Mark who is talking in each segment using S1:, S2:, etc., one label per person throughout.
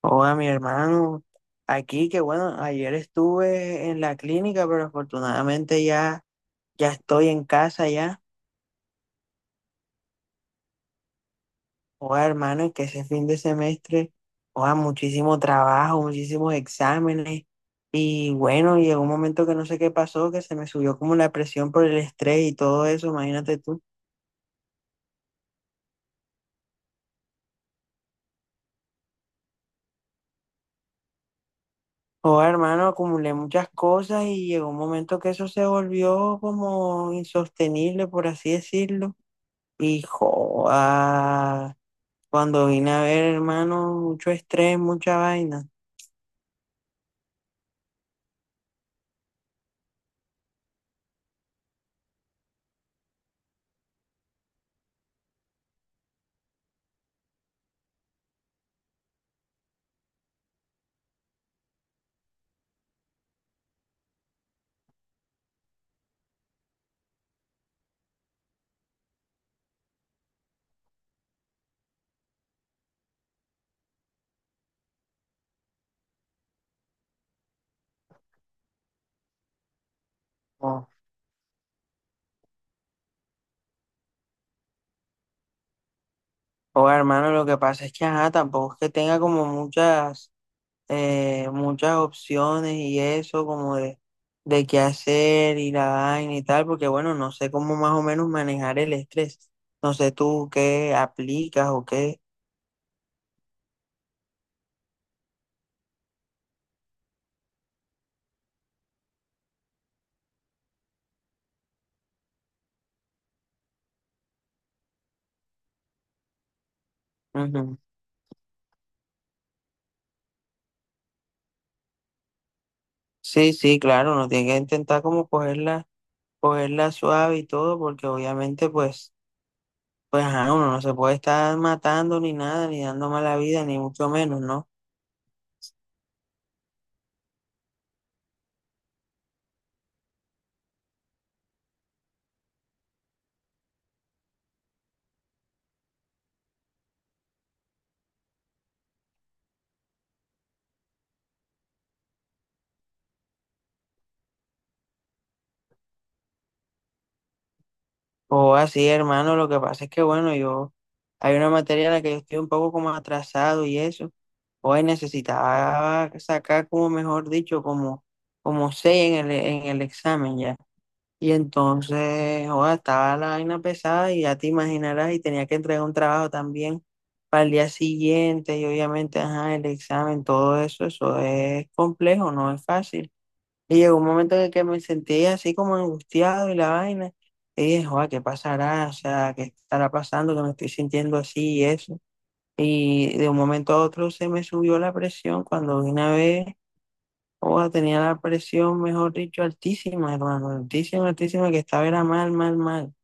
S1: Hola, mi hermano. Aquí, que bueno, ayer estuve en la clínica, pero afortunadamente ya, ya estoy en casa ya. Hola, hermano, es que ese fin de semestre, hola, muchísimo trabajo, muchísimos exámenes. Y bueno, llegó un momento que no sé qué pasó, que se me subió como la presión por el estrés y todo eso, imagínate tú. Hola, hermano, acumulé muchas cosas y llegó un momento que eso se volvió como insostenible, por así decirlo. Y joda. Cuando vine a ver, hermano, mucho estrés, mucha vaina. O, hermano, lo que pasa es que, ajá, tampoco es que tenga como muchas, muchas opciones y eso, como de qué hacer y la vaina y tal, porque bueno, no sé cómo más o menos manejar el estrés. No sé tú qué aplicas o qué. Ujú. Sí, sí, claro, uno tiene que intentar como cogerla suave y todo, porque obviamente, pues. Pues ajá, uno no se puede estar matando ni nada, ni dando mala vida, ni mucho menos, ¿no? O así, hermano, lo que pasa es que, bueno, yo, hay una materia en la que yo estoy un poco como atrasado y eso, hoy necesitaba sacar como, mejor dicho, como, como seis en en el examen ya. Y entonces, joda, estaba la vaina pesada y ya te imaginarás, y tenía que entregar un trabajo también para el día siguiente, y obviamente, ajá, el examen, todo eso, eso es complejo, no es fácil. Y llegó un momento en el que me sentí así como angustiado y la vaina. Y dije, joder, ¿qué pasará? O sea, ¿qué estará pasando? Que me estoy sintiendo así y eso. Y de un momento a otro se me subió la presión. Cuando de una vez, joda, tenía la presión, mejor dicho, altísima, hermano, altísima, altísima, que estaba era mal, mal, mal.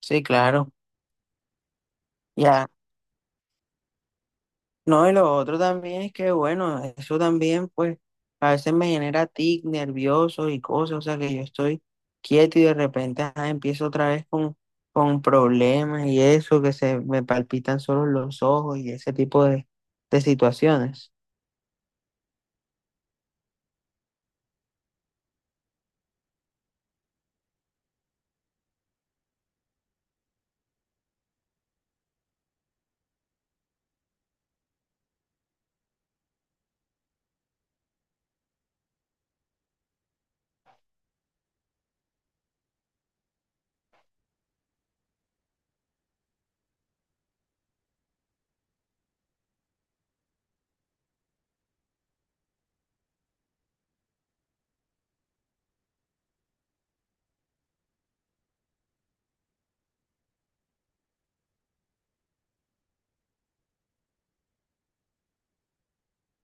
S1: Sí, claro. Ya. No, y lo otro también es que, bueno, eso también, pues, a veces me genera tic, nervioso y cosas, o sea, que yo estoy quieto y de repente ajá, empiezo otra vez con problemas y eso, que se me palpitan solo los ojos y ese tipo de situaciones.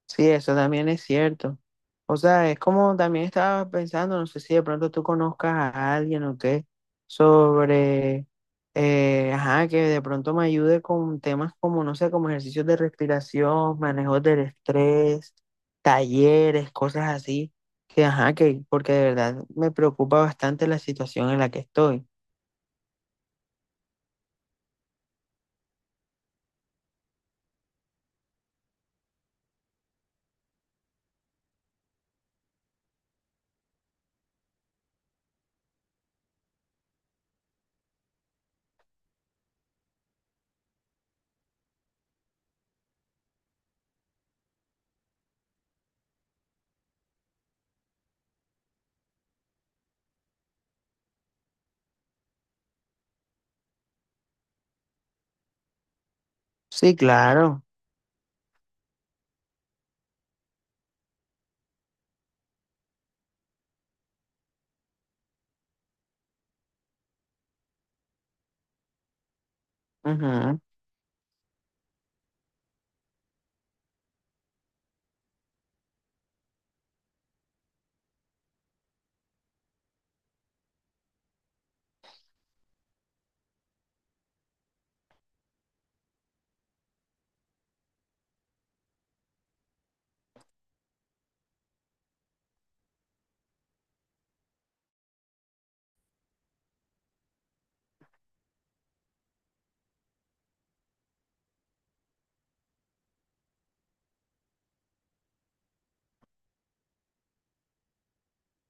S1: Sí, eso también es cierto. O sea, es como también estaba pensando, no sé si de pronto tú conozcas a alguien o qué, sobre, ajá, que de pronto me ayude con temas como, no sé, como ejercicios de respiración, manejos del estrés, talleres, cosas así, que, ajá, que, porque de verdad me preocupa bastante la situación en la que estoy. Sí, claro. Ujú.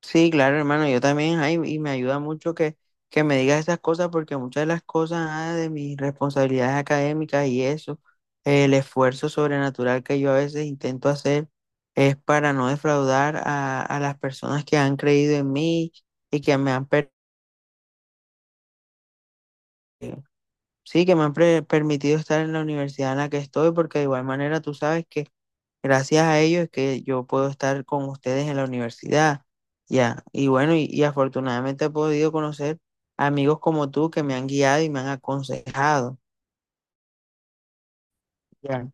S1: Sí, claro, hermano, yo también, ay, y me ayuda mucho que me digas esas cosas porque muchas de las cosas ah, de mis responsabilidades académicas y eso, el esfuerzo sobrenatural que yo a veces intento hacer es para no defraudar a las personas que han creído en mí y que me han, sí, que me han permitido estar en la universidad en la que estoy, porque de igual manera tú sabes que gracias a ellos es que yo puedo estar con ustedes en la universidad. Ya, y bueno, y afortunadamente he podido conocer amigos como tú que me han guiado y me han aconsejado. Ya,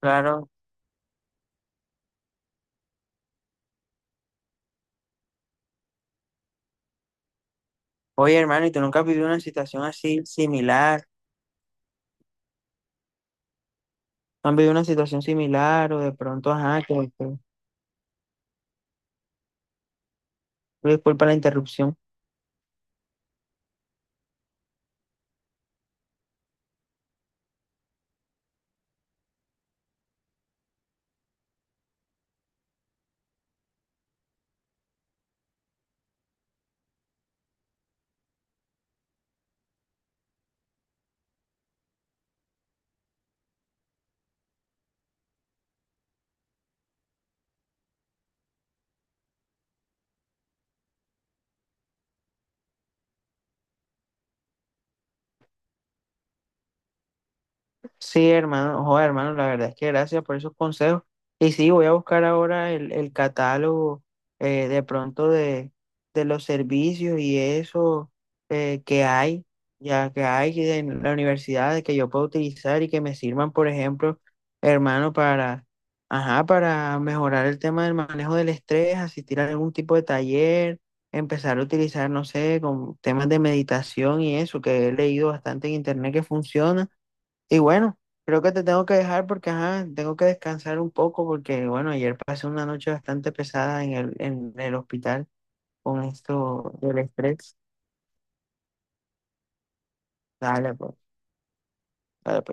S1: claro. Oye, hermano, ¿y tú nunca has vivido una situación así similar? ¿No han vivido una situación similar o de pronto, ajá, que- disculpa la interrupción? Sí, hermano, joder, hermano, la verdad es que gracias por esos consejos. Y sí, voy a buscar ahora el catálogo de pronto de los servicios y eso que hay, ya que hay en la universidad de que yo puedo utilizar y que me sirvan, por ejemplo, hermano, para, ajá, para mejorar el tema del manejo del estrés, asistir a algún tipo de taller, empezar a utilizar, no sé, con temas de meditación y eso, que he leído bastante en internet que funciona. Y bueno, creo que te tengo que dejar porque ajá, tengo que descansar un poco porque bueno, ayer pasé una noche bastante pesada en en el hospital con esto del estrés. Dale, pues, dale, pues.